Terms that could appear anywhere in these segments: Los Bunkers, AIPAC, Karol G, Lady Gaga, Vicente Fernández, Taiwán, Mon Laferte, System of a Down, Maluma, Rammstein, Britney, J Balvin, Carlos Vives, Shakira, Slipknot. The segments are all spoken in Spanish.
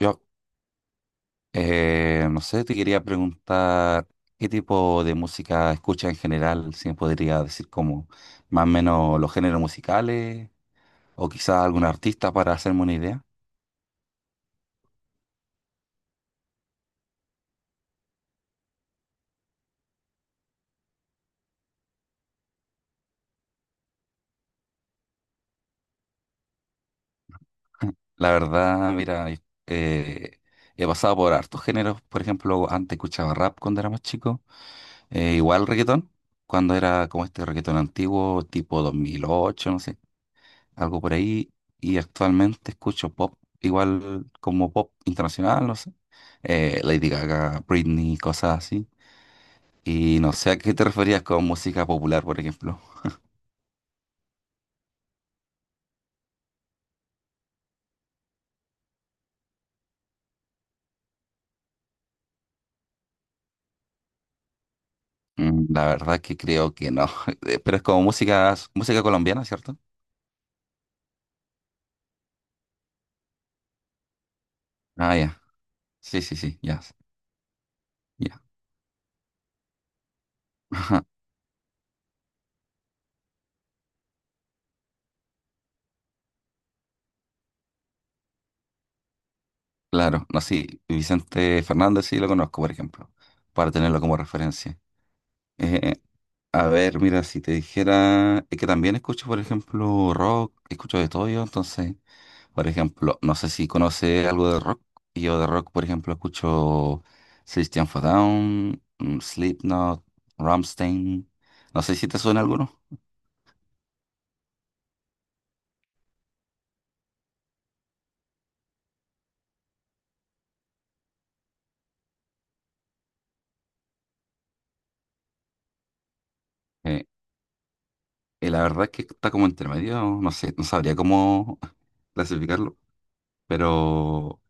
Yo, no sé, te quería preguntar qué tipo de música escuchas en general, si me podría decir como más o menos los géneros musicales o quizás algún artista para hacerme una idea. La verdad, mira, eh, he pasado por hartos géneros. Por ejemplo, antes escuchaba rap cuando era más chico. Igual reggaetón, cuando era como este reggaetón antiguo, tipo 2008, no sé, algo por ahí. Y actualmente escucho pop, igual como pop internacional, no sé. Lady Gaga, Britney, cosas así. Y no sé a qué te referías con música popular, por ejemplo. Mm, la verdad que creo que no. Pero es como música, música colombiana, ¿cierto? Ah, ya. Sí, sí, sí, ya. Ya. Ajá, claro, no, sí. Vicente Fernández sí lo conozco, por ejemplo, para tenerlo como referencia. Eh, A ver, mira, si te dijera, es que también escucho, por ejemplo, rock, escucho de todo yo. Entonces, por ejemplo, no sé si conoce algo de rock. Yo de rock, por ejemplo, escucho System of a Down, mm, Slipknot, Rammstein, no sé si te suena alguno. Eh, y la verdad es que está como intermedio, no sé, no sabría cómo clasificarlo, pero,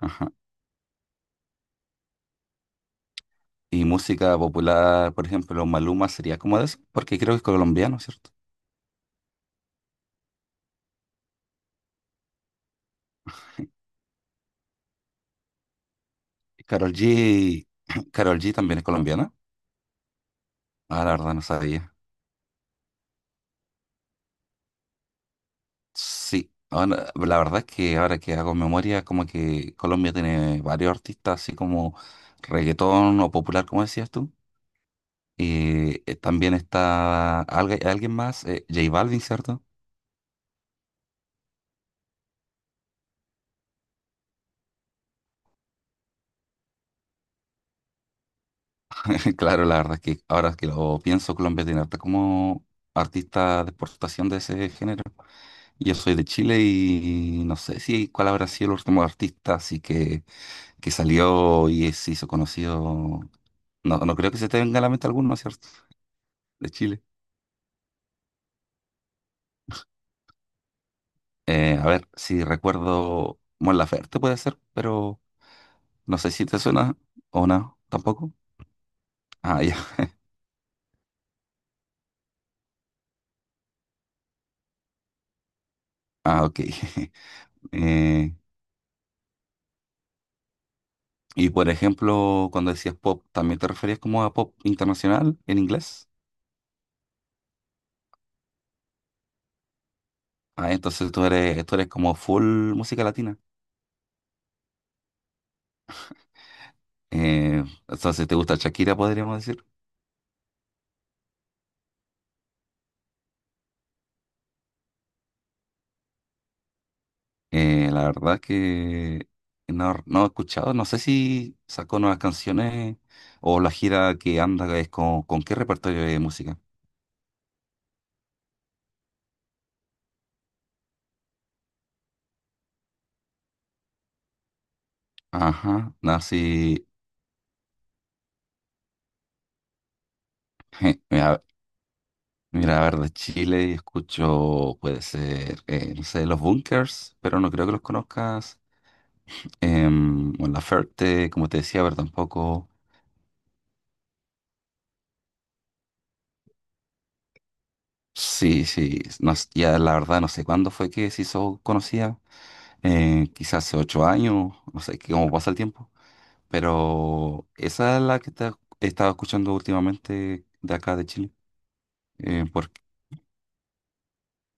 ajá. Y música popular, por ejemplo, Maluma sería como de eso, porque creo que es colombiano, ¿cierto? Carol G, Karol G también es colombiana. Ah, la verdad no sabía. Sí, ahora- la verdad es que ahora que hago memoria, como que Colombia tiene varios artistas, así como reggaetón o popular, como decías tú. Y también está algu- alguien más, J Balvin, ¿cierto? Claro, la verdad es que ahora que lo pienso, Colombia tiene harta como artista de exportación de ese género. Yo soy de Chile y no sé si cuál habrá sido el último artista, así que salió y se hizo conocido. No, no creo que se te venga a la mente alguno, ¿cierto? De Chile. A ver, si recuerdo Mon Laferte puede ser, pero no sé si te suena o no, tampoco. Ah, ya. Ah, ok. Eh, y por ejemplo, cuando decías pop, ¿también te referías como a pop internacional en inglés? Ah, entonces tú eres como full música latina. Entonces te gusta Shakira, podríamos decir. La verdad que no, no he escuchado, no sé si sacó nuevas canciones o la gira que anda es con qué repertorio de música. Ajá, no, sí. Mira, mira, a ver, de Chile escucho, puede ser, no sé, Los Bunkers, pero no creo que los conozcas. Em, o La Ferte, como te decía, pero tampoco. Sí, sí, no s- ya la verdad no sé cuándo fue que se hizo conocida. Quizás hace 8 años, no sé, que cómo pasa el tiempo. Pero esa es la que está- he estado escuchando últimamente de acá de Chile. eh, por-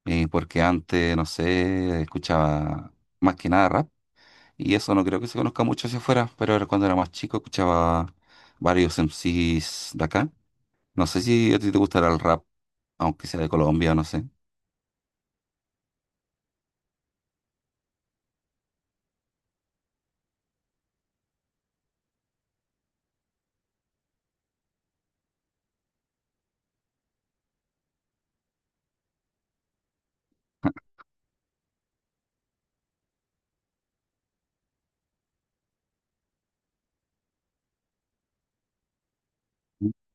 Porque antes, no sé, escuchaba más que nada rap. Y eso no creo que se conozca mucho hacia afuera, pero era cuando era más chico escuchaba varios MCs de acá. No sé si a ti te gustará el rap, aunque sea de Colombia, no sé.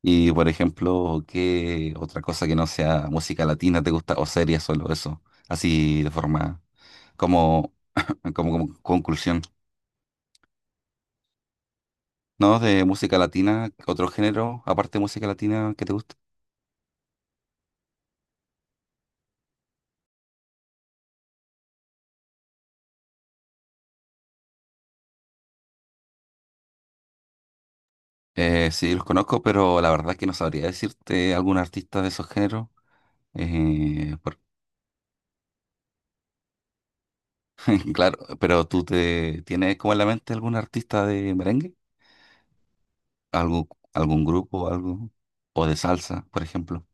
Y por ejemplo, ¿qué otra cosa que no sea música latina te gusta? O series, solo eso. Así de forma como, como, como conclusión. ¿No? De música latina, otro género, aparte de música latina que te guste. Sí, los conozco, pero la verdad que no sabría decirte algún artista de esos géneros. Eh, por- claro, pero ¿tú te tienes como en la mente algún artista de merengue? ¿Algún, algún grupo, algo? O de salsa, por ejemplo.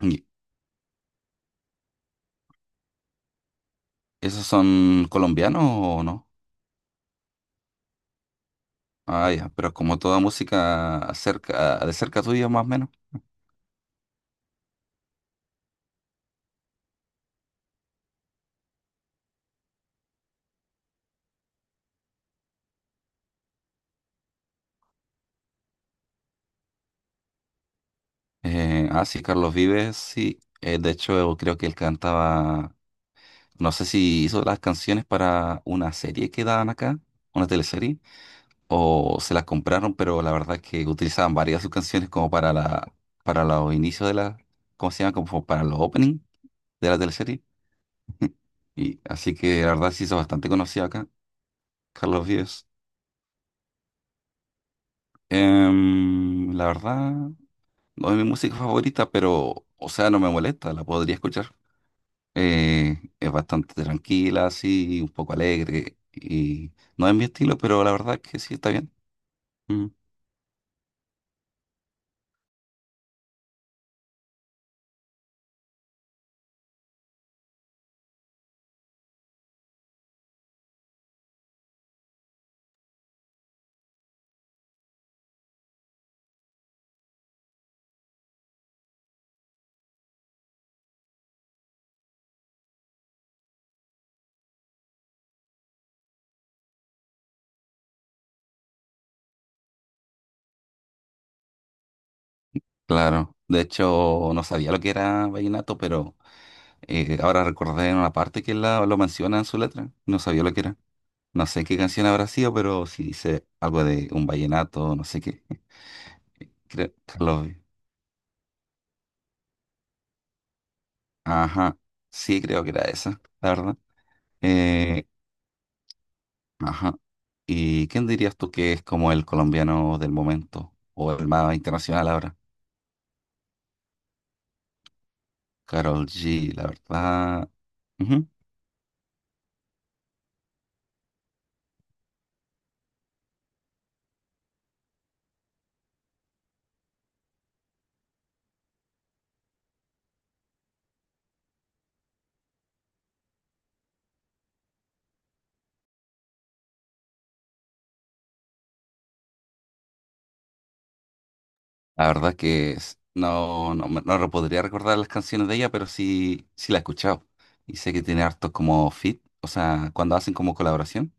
¿Y ¿esos son colombianos o no? Ah, ya, pero como toda música cerca, de cerca tuya más o menos. Sí, Carlos Vives, sí. De hecho, creo que él cantaba, no sé si hizo las canciones para una serie que daban acá, una teleserie, o se las compraron, pero la verdad es que utilizaban varias de sus canciones como para la, para los inicios de la, ¿cómo se llama? Como para los opening de la teleserie. Y así que la verdad se hizo bastante conocido acá, Carlos Vives. Em, la verdad, no es mi música favorita, pero, o sea, no me molesta, la podría escuchar. Es bastante tranquila, así, un poco alegre, y no es mi estilo, pero la verdad es que sí está bien. Mm, claro, de hecho no sabía lo que era vallenato, pero ahora recordé en una parte que la, lo menciona en su letra, no sabía lo que era. No sé qué canción habrá sido, pero si dice algo de un vallenato, no sé qué. Creo, lo vi. Ajá, sí creo que era esa, la verdad. Eh, ajá, ¿y quién dirías tú que es como el colombiano del momento o el más internacional ahora? Karol G, la verdad. La verdad es que s- no, no, me- no re- podría recordar las canciones de ella, pero sí, sí la he escuchado. Y sé que tiene hartos como fit, o sea, cuando hacen como colaboración.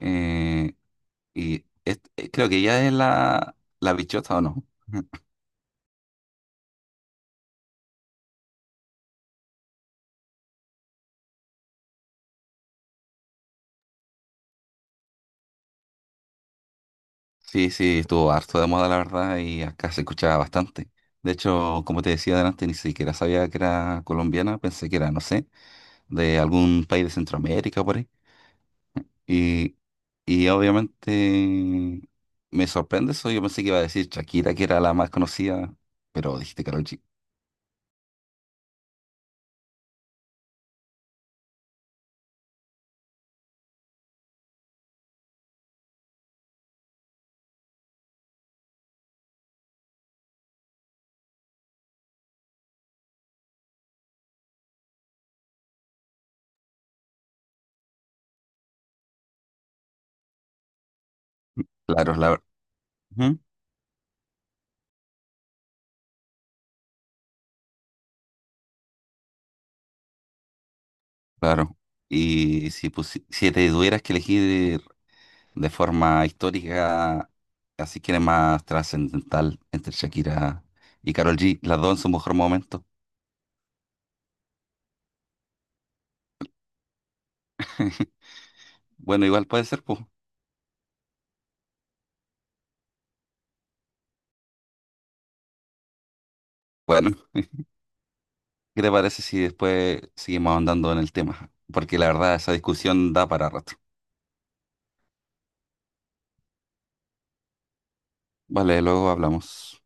Eh, Creo que ella es la, la bichota, ¿o no? Sí, sí, estuvo harto de moda, la verdad, y acá se escuchaba bastante. De hecho, como te decía adelante, ni siquiera sabía que era colombiana, pensé que era, no sé, de algún país de Centroamérica por ahí. Y, y obviamente me sorprende eso. Yo pensé que iba a decir Shakira, que era la más conocida, pero dijiste Karol G. Claro, es la verdad. Claro. Y si, pusi- si te tuvieras que elegir de forma histórica, así que era más trascendental entre Shakira y Karol G, las dos en su mejor momento. Bueno, igual puede ser, pues. Bueno, ¿qué te parece si después seguimos andando en el tema? Porque la verdad, esa discusión da para rato. Vale, luego hablamos.